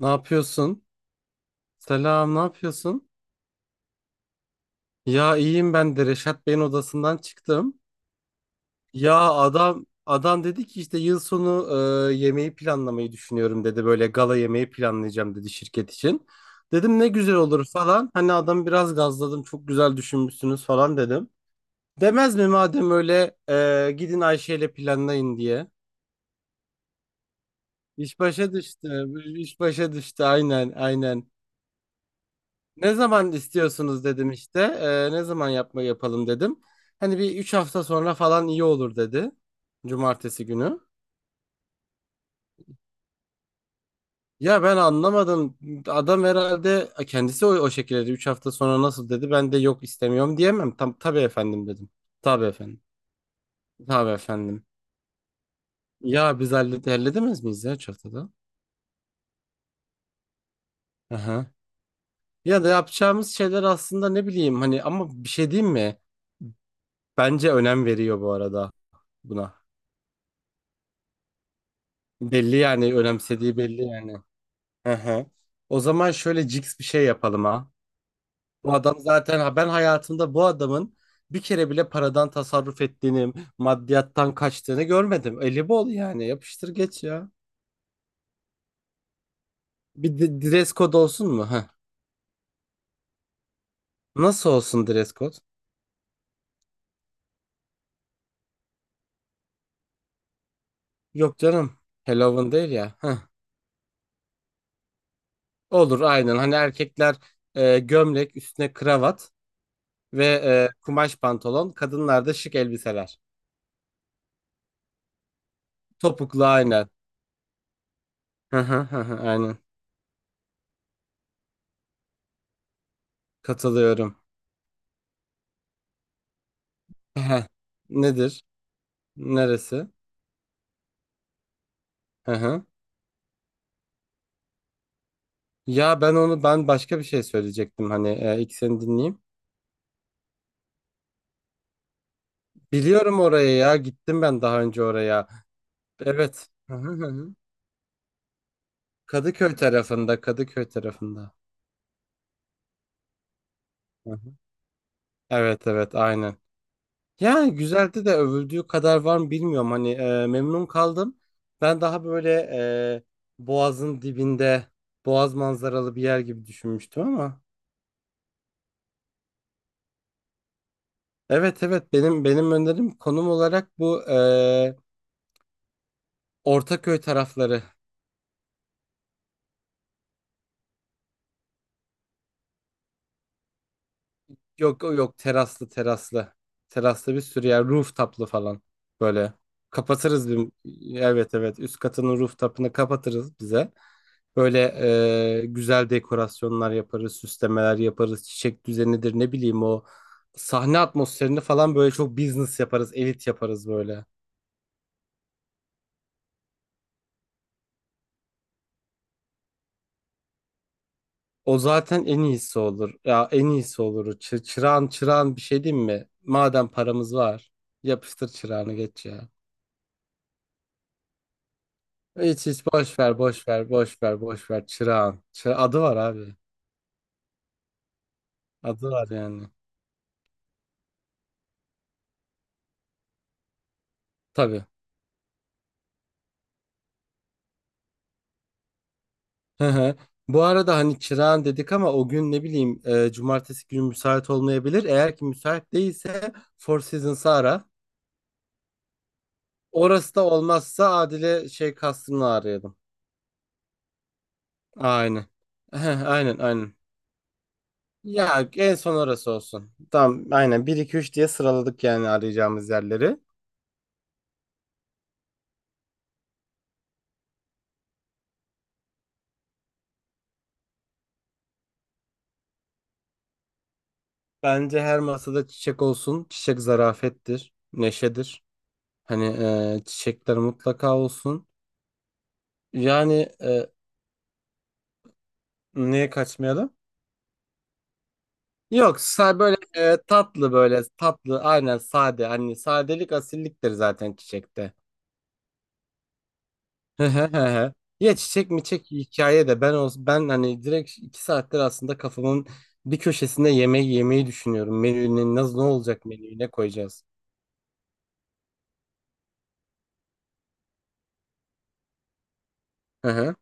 Ne yapıyorsun? Selam, ne yapıyorsun? Ya iyiyim ben de Reşat Bey'in odasından çıktım. Ya adam dedi ki işte yıl sonu yemeği planlamayı düşünüyorum dedi. Böyle gala yemeği planlayacağım dedi şirket için. Dedim ne güzel olur falan. Hani adamı biraz gazladım. Çok güzel düşünmüşsünüz falan dedim. Demez mi madem öyle gidin Ayşe ile planlayın diye. İş başa düştü. İş başa düştü aynen aynen. Ne zaman istiyorsunuz dedim işte. Ne zaman yapalım dedim. Hani bir 3 hafta sonra falan iyi olur dedi. Cumartesi günü. Ya ben anlamadım. Adam herhalde kendisi o şekilde dedi. 3 hafta sonra nasıl dedi. Ben de yok istemiyorum diyemem. Tam tabii efendim dedim. Tabii efendim. Tabii efendim. Ya biz halledemez miyiz ya 3 haftada? Aha. Ya da yapacağımız şeyler aslında ne bileyim hani ama bir şey diyeyim mi? Bence önem veriyor bu arada buna. Belli yani önemsediği belli yani. Hı hı. O zaman şöyle cix bir şey yapalım ha. Bu adam zaten ha ben hayatımda bu adamın bir kere bile paradan tasarruf ettiğini, maddiyattan kaçtığını görmedim. Eli bol yani yapıştır geç ya. Bir de, dress code olsun mu? Heh. Nasıl olsun dress code? Yok canım. Halloween değil ya. Heh. Olur aynen. Hani erkekler gömlek üstüne kravat ve kumaş pantolon. Kadınlar da şık elbiseler. Topuklu aynen. Hı hı hı hı, aynen. Katılıyorum. Heh. Nedir? Neresi? Hı hı. Ya ben başka bir şey söyleyecektim hani ilk seni dinleyeyim. Biliyorum oraya ya gittim ben daha önce oraya. Evet. Hı hı hı. Hı. Kadıköy tarafında Kadıköy tarafında. Hı hı. Evet evet aynen. Ya güzeldi de övüldüğü kadar var mı bilmiyorum hani memnun kaldım. Ben daha böyle e, Boğaz'ın dibinde Boğaz manzaralı bir yer gibi düşünmüştüm ama. Evet evet benim önerim konum olarak bu Ortaköy tarafları. Yok yok teraslı teraslı. Teraslı bir sürü yer rooftop'lu falan böyle. Kapatırız bir evet evet üst katının rooftop'ını kapatırız bize. Böyle güzel dekorasyonlar yaparız, süslemeler yaparız, çiçek düzenidir ne bileyim o sahne atmosferini falan böyle çok business yaparız, elit yaparız böyle. O zaten en iyisi olur. Ya en iyisi olur. Çırağın bir şey değil mi? Madem paramız var, yapıştır çırağını geç ya. Hiç hiç boş ver boş ver boş ver boş ver Çırağan. Adı var abi. Adı var yani. Tabii. Hı hı. Bu arada hani Çırağan dedik ama o gün ne bileyim cumartesi günü müsait olmayabilir. Eğer ki müsait değilse Four Seasons'ı ara. Orası da olmazsa Adile şey kastını arayalım. Aynen. Heh, aynen aynen. Ya en son orası olsun. Tamam aynen bir 2 3 diye sıraladık yani arayacağımız yerleri. Bence her masada çiçek olsun. Çiçek zarafettir, neşedir. Hani çiçekler mutlaka olsun. Yani niye kaçmayalım? Yok, böyle tatlı böyle tatlı aynen sade. Hani sadelik asilliktir zaten çiçekte. Hı hı hı hı. Ya çiçek mi çek hikaye de ben olsun ben hani direkt 2 saattir aslında kafamın bir köşesinde yemeği yemeyi düşünüyorum. Menüne nasıl ne olacak menüyü ne koyacağız? Hı hı,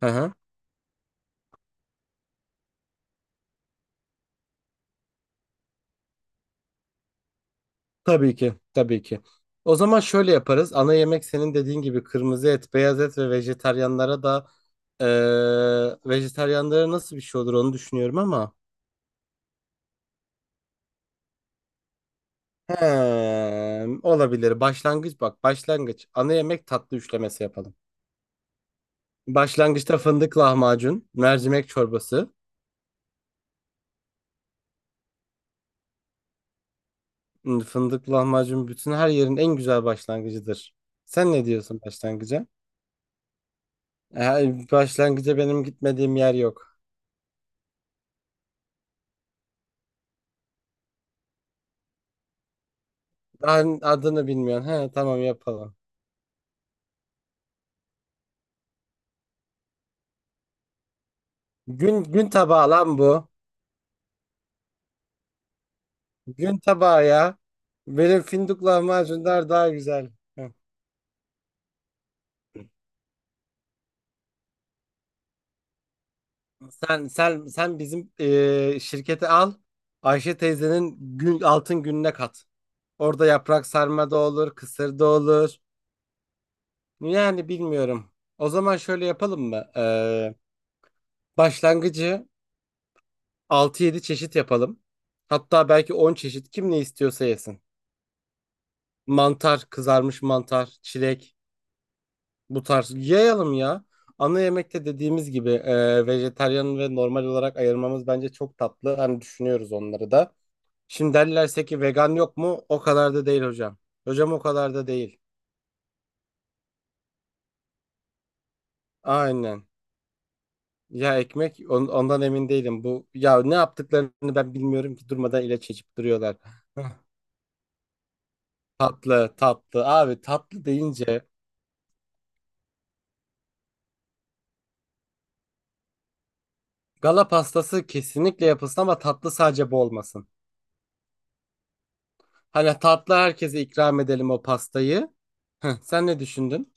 hı hı. Tabii ki tabii ki. O zaman şöyle yaparız. Ana yemek senin dediğin gibi kırmızı et, beyaz et ve vejetaryenlara da. Ee, vejetaryenlere nasıl bir şey olur onu düşünüyorum ama. Hem, olabilir. Başlangıç bak başlangıç. Ana yemek tatlı üçlemesi yapalım. Başlangıçta fındık lahmacun, mercimek çorbası. Fındık lahmacun bütün her yerin en güzel başlangıcıdır. Sen ne diyorsun başlangıca? Başlangıca benim gitmediğim yer yok. Daha adını bilmiyorum. He, tamam yapalım. Gün tabağı lan bu. Gün tabağı ya. Benim fındık lahmacunlar daha güzel. Sen bizim şirketi al. Ayşe teyzenin altın gününe kat. Orada yaprak sarma da olur, kısır da olur. Yani bilmiyorum. O zaman şöyle yapalım mı? Başlangıcı 6-7 çeşit yapalım. Hatta belki 10 çeşit kim ne istiyorsa yesin. Mantar, kızarmış mantar, çilek bu tarz yayalım ya. Ana yemekte dediğimiz gibi vejetaryen ve normal olarak ayırmamız bence çok tatlı. Hani düşünüyoruz onları da. Şimdi derlerse ki vegan yok mu? O kadar da değil hocam. Hocam o kadar da değil. Aynen. Ya ekmek ondan emin değilim. Bu ya ne yaptıklarını ben bilmiyorum ki durmadan ilaç içip duruyorlar. Hah. Tatlı, tatlı. Abi tatlı deyince gala pastası kesinlikle yapılsın ama tatlı sadece bu olmasın. Hani tatlı herkese ikram edelim o pastayı. Heh, sen ne düşündün?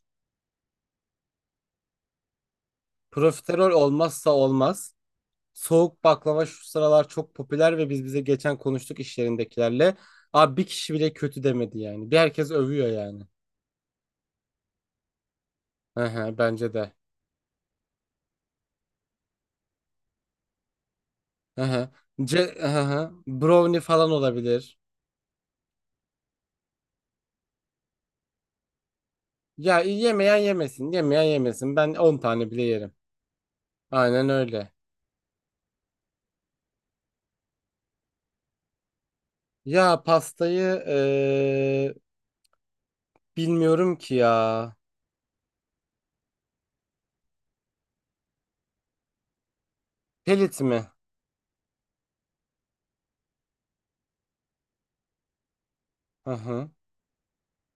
Profiterol olmazsa olmaz. Soğuk baklava şu sıralar çok popüler ve biz bize geçen konuştuk iş yerindekilerle. Abi bir kişi bile kötü demedi yani. Bir herkes övüyor yani. Hı hı, bence de. Hı hı. Ce hı hı. Brownie falan olabilir. Ya yemeyen yemesin, yemeyen yemesin. Ben 10 tane bile yerim. Aynen öyle. Ya pastayı bilmiyorum ki ya. Pelit mi? Hı hı.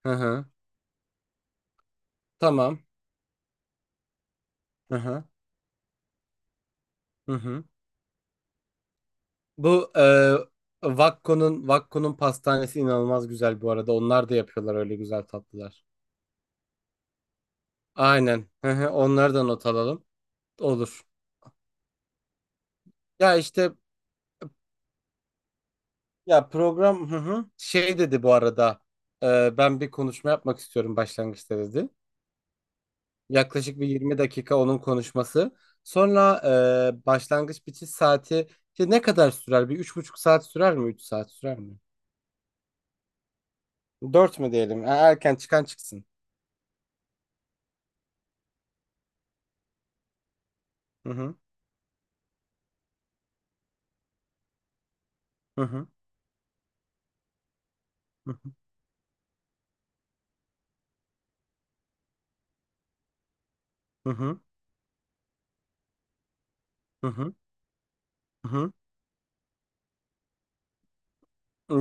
Hı hı. Tamam. Hı hı. Hı hı. Bu e, Vakko'nun Vakko'nun pastanesi inanılmaz güzel bu arada. Onlar da yapıyorlar öyle güzel tatlılar. Aynen. Hı hı, onları da not alalım. Olur. Ya işte ya program hı hı. Şey dedi bu arada. Ben bir konuşma yapmak istiyorum başlangıçta dedi. Yaklaşık bir 20 dakika onun konuşması. Sonra başlangıç bitiş saati işte ne kadar sürer? Bir 3,5 saat sürer mi? 3 saat sürer mi? 4 mü diyelim? Erken çıkan çıksın. Hı hı. Hı hı. Hı hı. Hı hı. Hı hı. Hı.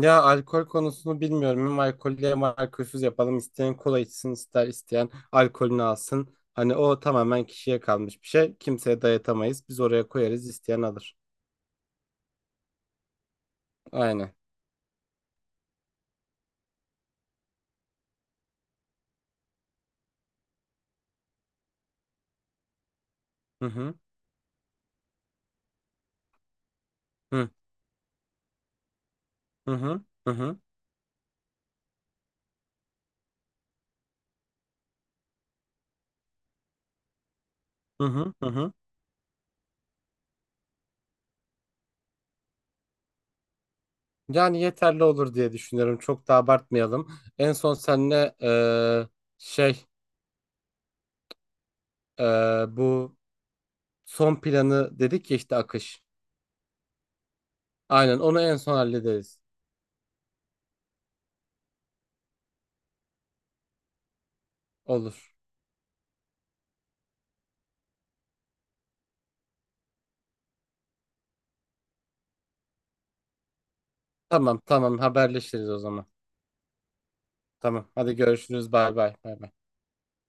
Ya alkol konusunu bilmiyorum. Hem alkollü hem alkolsüz yapalım. İsteyen kola içsin, isteyen alkolünü alsın. Hani o tamamen kişiye kalmış bir şey. Kimseye dayatamayız. Biz oraya koyarız, isteyen alır. Aynen. Hı hı. Hı hı hı hı hı hı hı. Hı. Yani yeterli olur diye düşünüyorum. Çok da abartmayalım. En son seninle şey bu son planı dedik ya işte akış. Aynen onu en son hallederiz. Olur. Tamam tamam haberleşiriz o zaman. Tamam. Hadi görüşürüz. Bay bay. Bay bay.